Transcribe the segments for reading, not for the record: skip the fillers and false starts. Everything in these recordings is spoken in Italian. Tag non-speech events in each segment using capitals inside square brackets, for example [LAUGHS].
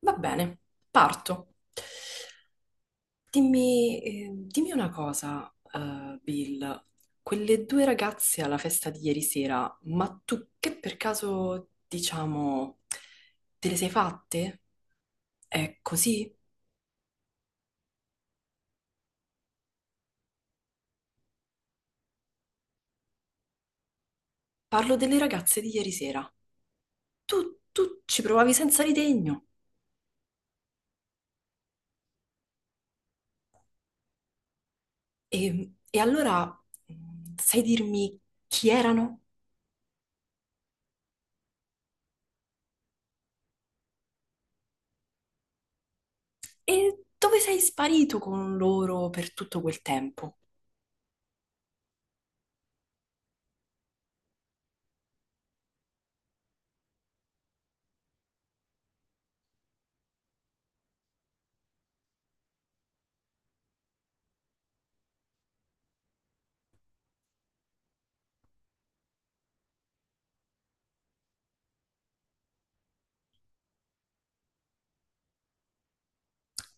Va bene, parto. Dimmi, dimmi una cosa, Bill. Quelle due ragazze alla festa di ieri sera, ma tu che per caso, diciamo, te le sei fatte? È così? Parlo delle ragazze di ieri sera. Tu ci provavi senza ritegno. E allora, sai dirmi chi erano? E dove sei sparito con loro per tutto quel tempo?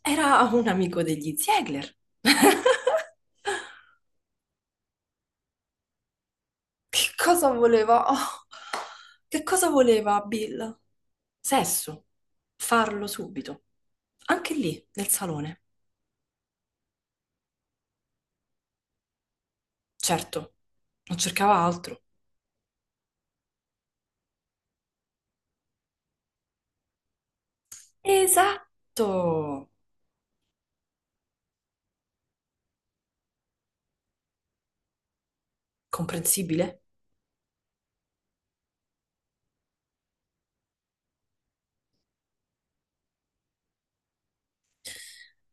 Era un amico degli Ziegler. [LAUGHS] Che cosa voleva? [LAUGHS] Oh, che cosa voleva Bill? Sesso. Farlo subito. Anche lì, nel salone. Certo, non cercava altro. Esatto. Tutto comprensibile?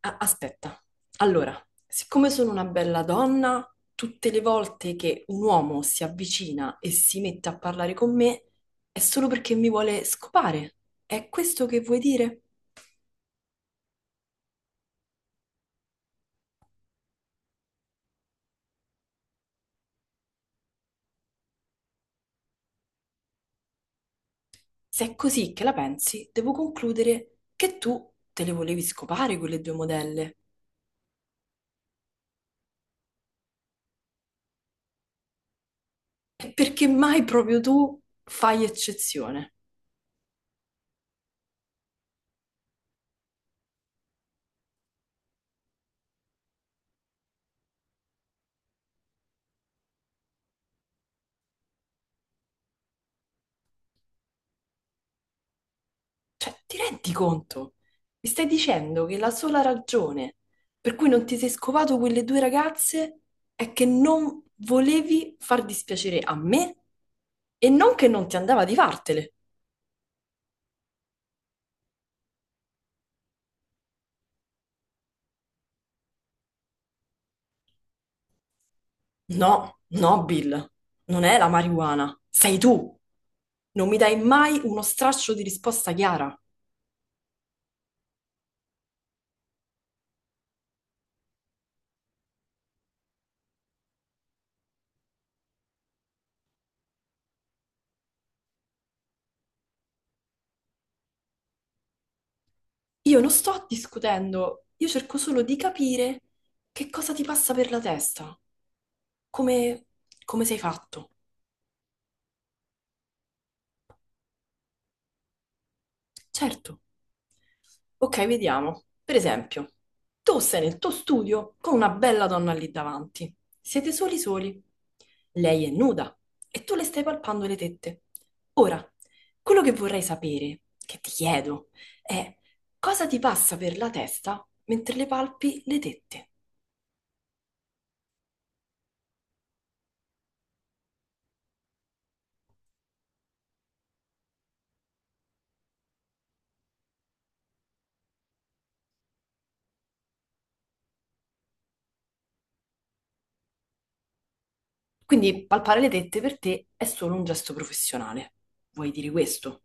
Ah, aspetta, allora, siccome sono una bella donna, tutte le volte che un uomo si avvicina e si mette a parlare con me è solo perché mi vuole scopare. È questo che vuoi dire? Se è così che la pensi, devo concludere che tu te le volevi scopare quelle due modelle. E perché mai proprio tu fai eccezione? Cioè, ti rendi conto? Mi stai dicendo che la sola ragione per cui non ti sei scovato quelle due ragazze è che non volevi far dispiacere a me e non che non ti andava di fartele. No, no, Bill, non è la marijuana, sei tu. Non mi dai mai uno straccio di risposta chiara. Io non sto discutendo, io cerco solo di capire che cosa ti passa per la testa, come, come sei fatto. Certo. Ok, vediamo. Per esempio, tu sei nel tuo studio con una bella donna lì davanti. Siete soli soli. Lei è nuda e tu le stai palpando le tette. Ora, quello che vorrei sapere, che ti chiedo, è cosa ti passa per la testa mentre le palpi le tette? Quindi palpare le tette per te è solo un gesto professionale. Vuoi dire questo?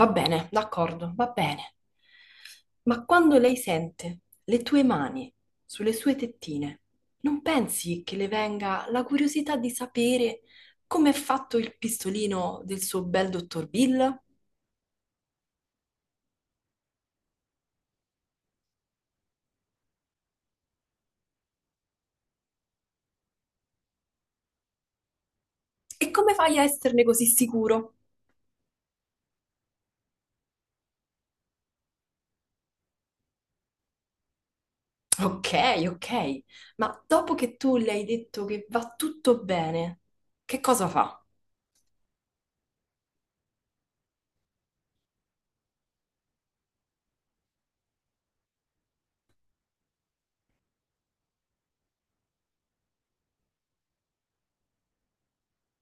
Va bene, d'accordo, va bene. Ma quando lei sente le tue mani sulle sue tettine, non pensi che le venga la curiosità di sapere come è fatto il pistolino del suo bel dottor Bill? E come fai a esserne così sicuro? Ok, ok, ma dopo che tu le hai detto che va tutto bene, che cosa fa?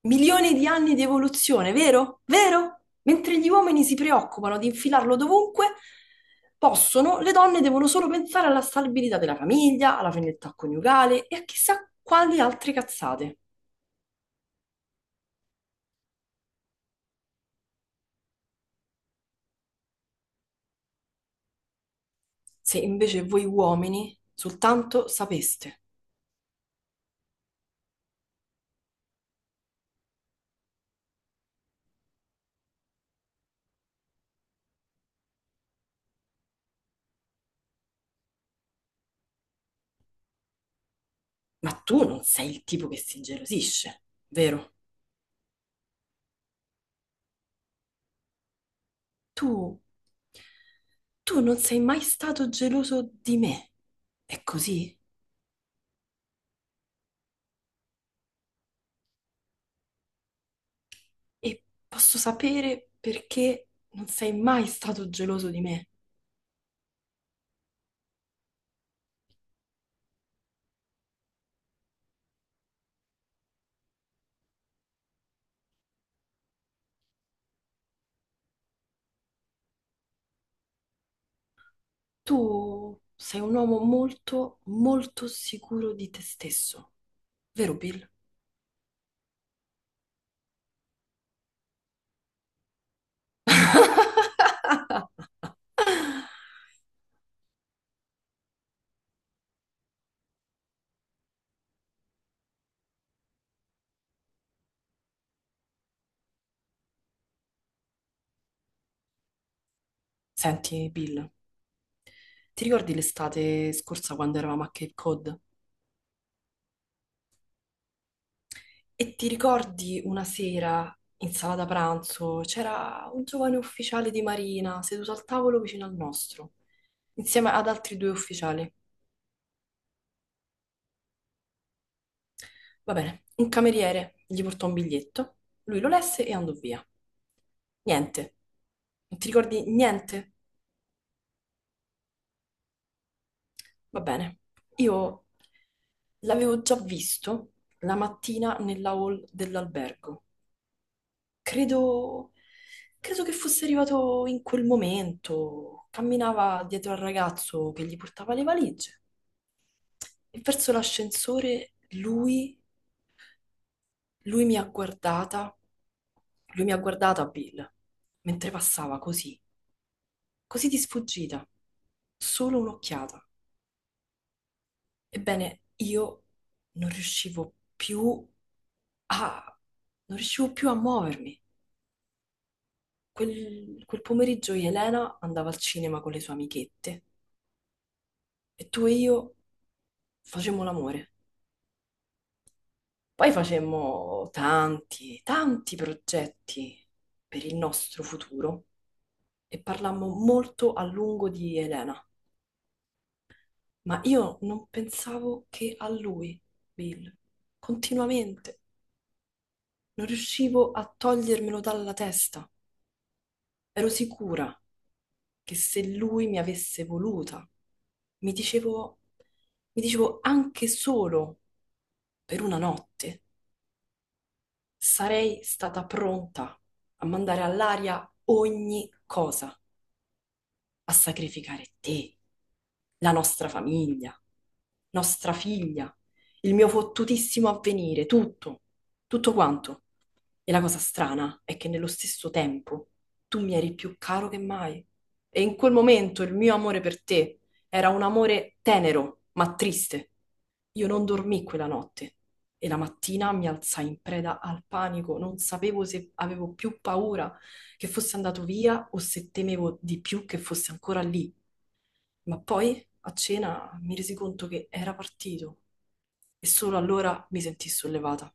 Milioni di anni di evoluzione, vero? Vero? Mentre gli uomini si preoccupano di infilarlo dovunque, possono, le donne devono solo pensare alla stabilità della famiglia, alla fedeltà coniugale e a chissà quali altre cazzate. Se invece voi uomini soltanto sapeste. Ma tu non sei il tipo che si gelosisce, vero? Tu, tu non sei mai stato geloso di me. È così? E posso sapere perché non sei mai stato geloso di me. Tu sei un uomo molto, molto sicuro di te stesso, vero Bill? Senti, Bill, ti ricordi l'estate scorsa quando eravamo a Cape Cod? E ti ricordi una sera in sala da pranzo c'era un giovane ufficiale di Marina seduto al tavolo vicino al nostro, insieme ad altri due ufficiali. Va bene, un cameriere gli portò un biglietto, lui lo lesse e andò via. Niente. Non ti ricordi niente? Va bene. Io l'avevo già visto la mattina nella hall dell'albergo. Credo, credo che fosse arrivato in quel momento. Camminava dietro al ragazzo che gli portava le valigie e verso l'ascensore lui lui mi ha guardata, lui mi ha guardata, Bill, mentre passava così, così di sfuggita, solo un'occhiata. Ebbene, io non riuscivo più a... non riuscivo più a muovermi. Quel pomeriggio Elena andava al cinema con le sue amichette e tu e io facemmo l'amore. Poi facemmo tanti, tanti progetti per il nostro futuro. E parlammo molto a lungo di Elena, ma io non pensavo che a lui, Bill, continuamente. Non riuscivo a togliermelo dalla testa. Ero sicura che se lui mi avesse voluta, mi dicevo, mi dicevo anche solo per una notte, sarei stata pronta a mandare all'aria ogni cosa, a sacrificare te, la nostra famiglia, nostra figlia, il mio fottutissimo avvenire, tutto, tutto quanto. E la cosa strana è che nello stesso tempo tu mi eri più caro che mai. E in quel momento il mio amore per te era un amore tenero, ma triste. Io non dormii quella notte e la mattina mi alzai in preda al panico, non sapevo se avevo più paura che fosse andato via o se temevo di più che fosse ancora lì. Ma poi, a cena, mi resi conto che era partito e solo allora mi sentii sollevata.